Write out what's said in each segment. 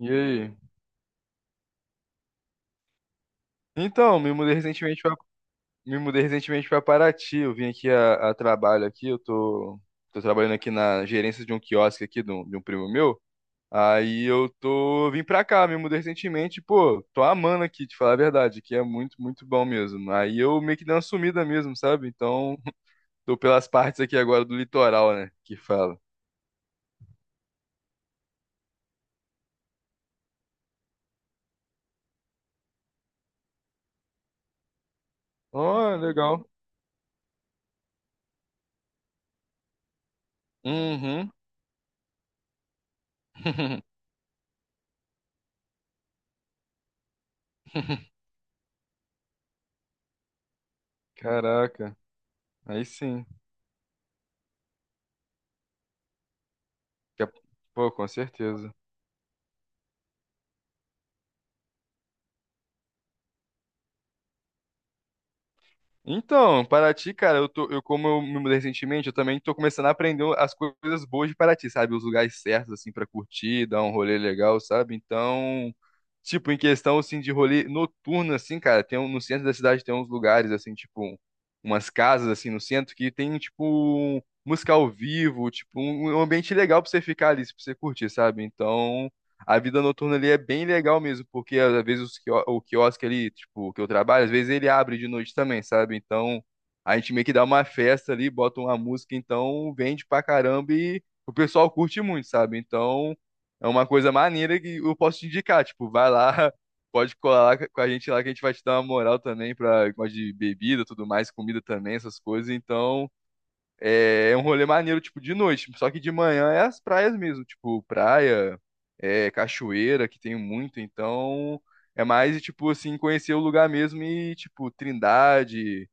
E aí? Então, me mudei recentemente me mudei recentemente para Paraty. Eu vim aqui a trabalho aqui. Tô trabalhando aqui na gerência de um quiosque aqui de de um primo meu. Aí eu tô vim pra cá, me mudei recentemente. Pô, tô amando aqui, te falar a verdade, que é muito, muito bom mesmo. Aí eu meio que dei uma sumida mesmo, sabe? Então, tô pelas partes aqui agora do litoral, né? Que fala. Ó, legal. Uhum. Caraca, aí sim. Que é- Pô, com certeza. Então, Paraty, cara, eu como eu me mudei recentemente, eu também tô começando a aprender as coisas boas de Paraty, sabe? Os lugares certos, assim, pra curtir, dar um rolê legal, sabe? Então, tipo, em questão, assim, de rolê noturno, assim, cara, tem um, no centro da cidade tem uns lugares, assim, tipo, umas casas, assim, no centro que tem, tipo, música ao vivo, tipo, um ambiente legal pra você ficar ali, pra você curtir, sabe? Então, a vida noturna ali é bem legal mesmo, porque às vezes o quiosque ali, tipo, que eu trabalho, às vezes ele abre de noite também, sabe? Então a gente meio que dá uma festa ali, bota uma música, então vende pra caramba e o pessoal curte muito, sabe? Então é uma coisa maneira que eu posso te indicar, tipo, vai lá, pode colar lá com a gente lá que a gente vai te dar uma moral também pra gosta de bebida, tudo mais, comida também, essas coisas. Então é um rolê maneiro, tipo, de noite. Só que de manhã é as praias mesmo, tipo, praia, é, cachoeira, que tem muito, então é mais, tipo, assim, conhecer o lugar mesmo e, tipo, Trindade,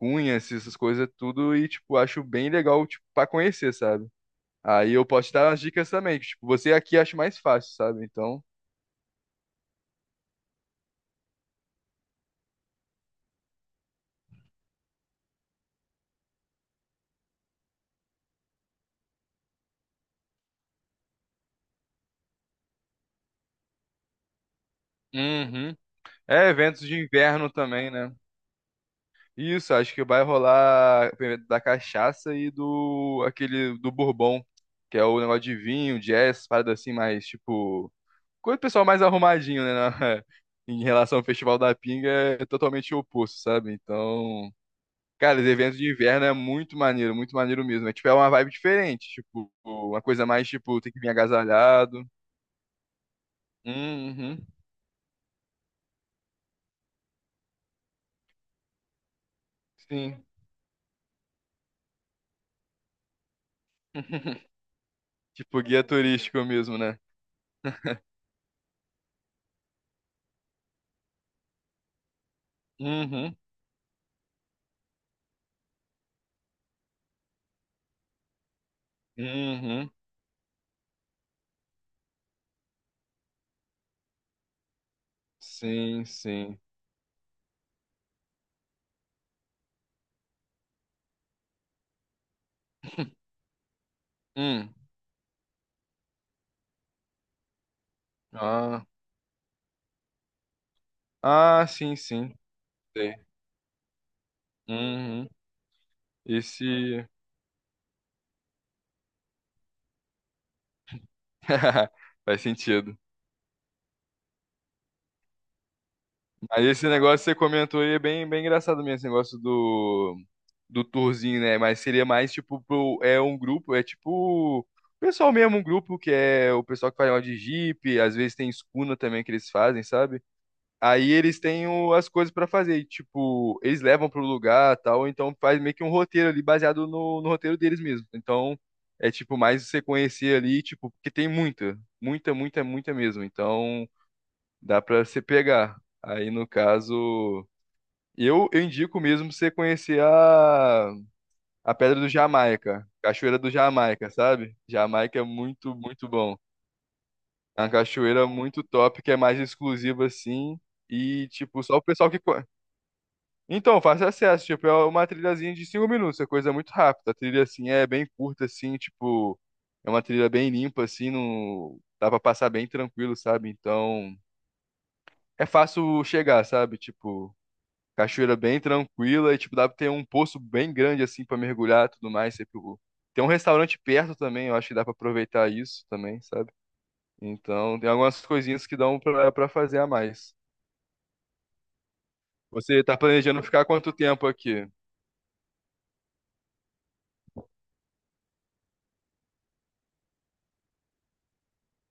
Cunhas, essas coisas é tudo, e, tipo, acho bem legal, tipo, pra conhecer, sabe? Aí eu posso te dar umas dicas também, que, tipo, você aqui acha mais fácil, sabe? Então. Uhum. É, eventos de inverno também, né? Isso, acho que vai rolar da cachaça e do aquele do bourbon, que é o negócio de vinho, jazz, parada assim, mais tipo, coisa do pessoal mais arrumadinho, né, em relação ao Festival da Pinga, é totalmente oposto, sabe? Então, cara, os eventos de inverno é muito maneiro mesmo. É tipo é uma vibe diferente, tipo, uma coisa mais tipo, tem que vir agasalhado. Uhum. Sim. Tipo guia turístico mesmo, né? Uhum. Uhum. Sim, sim. Hum. Ah. Ah, sim, sim. Sei. Uhum. Esse. Faz sentido. Mas esse negócio que você comentou aí é bem, bem engraçado mesmo, esse negócio do, do tourzinho, né? Mas seria mais tipo pro, é um grupo, é tipo o pessoal mesmo, um grupo que é o pessoal que faz negócio de Jeep, às vezes tem escuna também que eles fazem, sabe? Aí eles têm as coisas pra fazer, e, tipo, eles levam pro lugar tal, então faz meio que um roteiro ali baseado no roteiro deles mesmo. Então é tipo mais você conhecer ali, tipo, porque tem muita, muita, muita, muita mesmo. Então dá pra você pegar. Aí no caso, eu indico mesmo você conhecer a Pedra do Jamaica, Cachoeira do Jamaica, sabe? Jamaica é muito, muito bom. É uma cachoeira muito top, que é mais exclusiva assim. E, tipo, só o pessoal Então, fácil acesso, tipo, é uma trilhazinha de 5 minutos, é coisa muito rápida. A trilha, assim, é bem curta, assim, tipo, é uma trilha bem limpa, assim, não dá pra passar bem tranquilo, sabe? Então, é fácil chegar, sabe? Tipo, cachoeira bem tranquila e, tipo, dá pra ter um poço bem grande, assim, pra mergulhar e tudo mais. Você, tipo, tem um restaurante perto também, eu acho que dá pra aproveitar isso também, sabe? Então, tem algumas coisinhas que dão pra fazer a mais. Você tá planejando ficar quanto tempo aqui?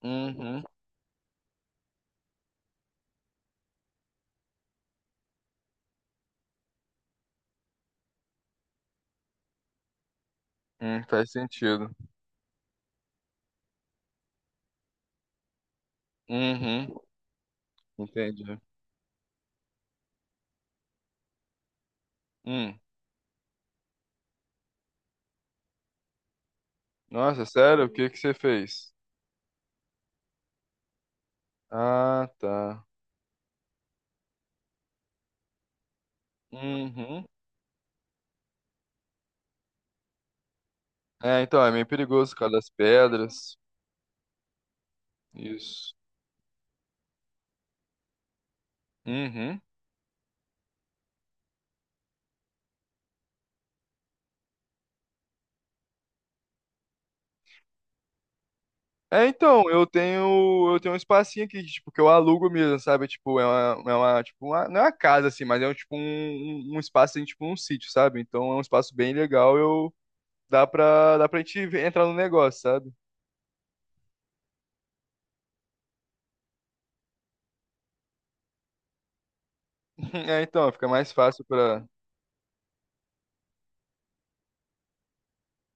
Uhum, faz sentido. Uhum, entendi. Hum. Nossa, sério? O que que você fez? Ah, tá. Uhum. É, então, é meio perigoso por causa das pedras. Isso. Uhum. É, então, eu tenho um espacinho aqui, tipo, que eu alugo mesmo, sabe? Tipo, é uma, tipo, não é uma casa, assim, mas é um, tipo, um, um espaço, assim, tipo, um sítio, sabe? Então, é um espaço bem legal, eu, dá pra gente entrar no negócio, sabe? É, então, fica mais fácil pra...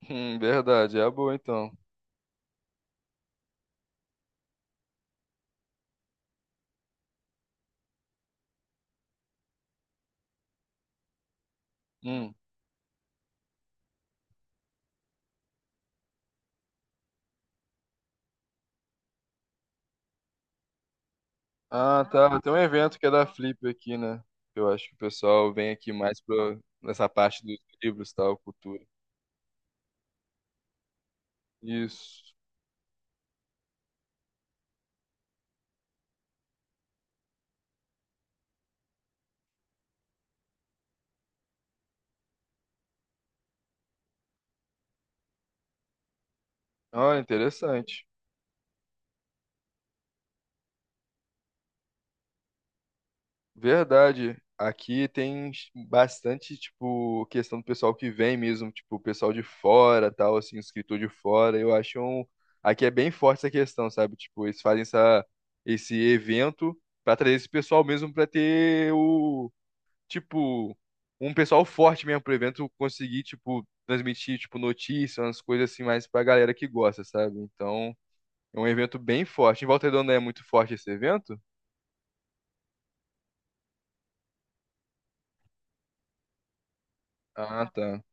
Verdade, é a boa, então. Hum. Ah, tá. Tem um evento que é da Flip aqui, né? Eu acho que o pessoal vem aqui mais nessa parte dos livros, tal, cultura. Isso. Ah, interessante. Verdade. Aqui tem bastante, tipo, questão do pessoal que vem mesmo, tipo, o pessoal de fora, tal, assim, escritor de fora. Eu acho um... Aqui é bem forte essa questão, sabe? Tipo, eles fazem essa... esse evento pra trazer esse pessoal mesmo pra ter o tipo, um pessoal forte mesmo pro evento conseguir, tipo, transmitir, tipo, notícias, umas coisas assim mais pra galera que gosta, sabe? Então, é um evento bem forte. Em Volta Redonda é muito forte esse evento? Ah, tá.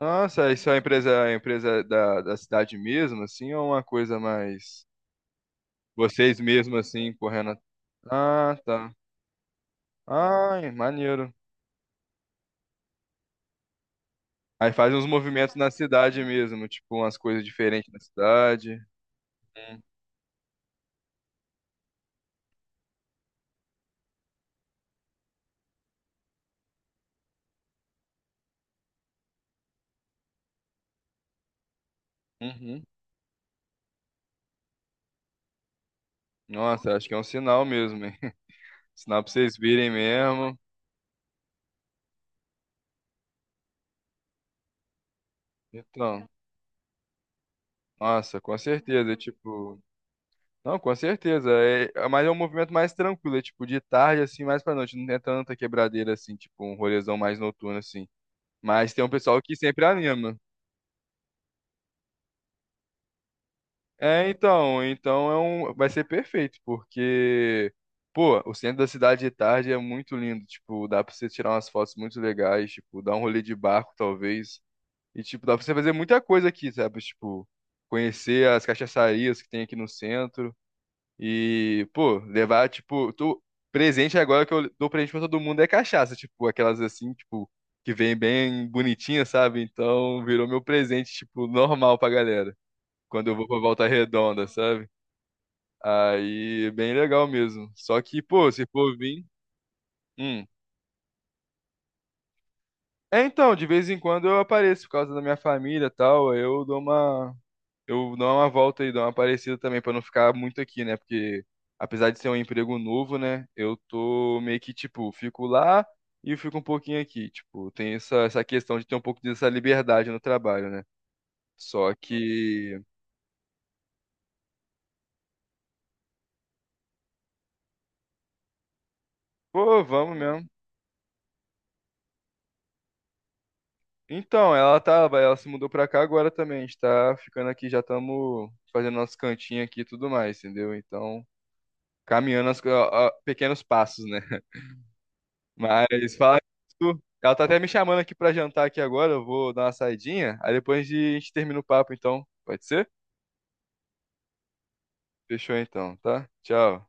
Nossa, isso é uma empresa, a empresa da cidade mesmo, assim, ou é uma coisa mais vocês mesmo, assim, correndo? Ah, tá. Ai, maneiro. Aí faz uns movimentos na cidade mesmo, tipo, umas coisas diferentes na cidade. Hum, Uhum. Nossa, acho que é um sinal mesmo, hein? Sinal pra vocês virem mesmo. Então, nossa, com certeza, é tipo. Não, com certeza. Mas é um movimento mais tranquilo, é tipo de tarde, assim, mais pra noite. Não tem tanta quebradeira assim, tipo, um rolezão mais noturno, assim. Mas tem um pessoal que sempre anima. É, então, então é um, vai ser perfeito, porque, pô, o centro da cidade de tarde é muito lindo, tipo, dá pra você tirar umas fotos muito legais, tipo, dar um rolê de barco, talvez, e, tipo, dá pra você fazer muita coisa aqui, sabe? Tipo, conhecer as cachaçarias que tem aqui no centro. E, pô, levar, tipo, presente agora que eu dou presente pra todo mundo é cachaça. Tipo, aquelas assim, tipo, que vem bem bonitinha, sabe? Então, virou meu presente, tipo, normal pra galera. Quando eu vou pra Volta Redonda, sabe? Aí, bem legal mesmo. Só que, pô, se for vir. Hum. É, então, de vez em quando eu apareço por causa da minha família e tal. Aí eu dou uma volta e dou uma parecida também pra não ficar muito aqui, né? Porque apesar de ser um emprego novo, né, eu tô meio que tipo, fico lá e fico um pouquinho aqui, tipo, tem essa questão de ter um pouco dessa liberdade no trabalho, né? Só que, pô, vamos mesmo. Então, ela se mudou pra cá agora também. A gente tá ficando aqui, já estamos fazendo nosso cantinho aqui e tudo mais, entendeu? Então, caminhando as, co- a- pequenos passos, né? Mas falar isso, ela tá até me chamando aqui pra jantar aqui agora, eu vou dar uma saidinha, aí depois a gente termina o papo então, pode ser? Fechou então, tá? Tchau.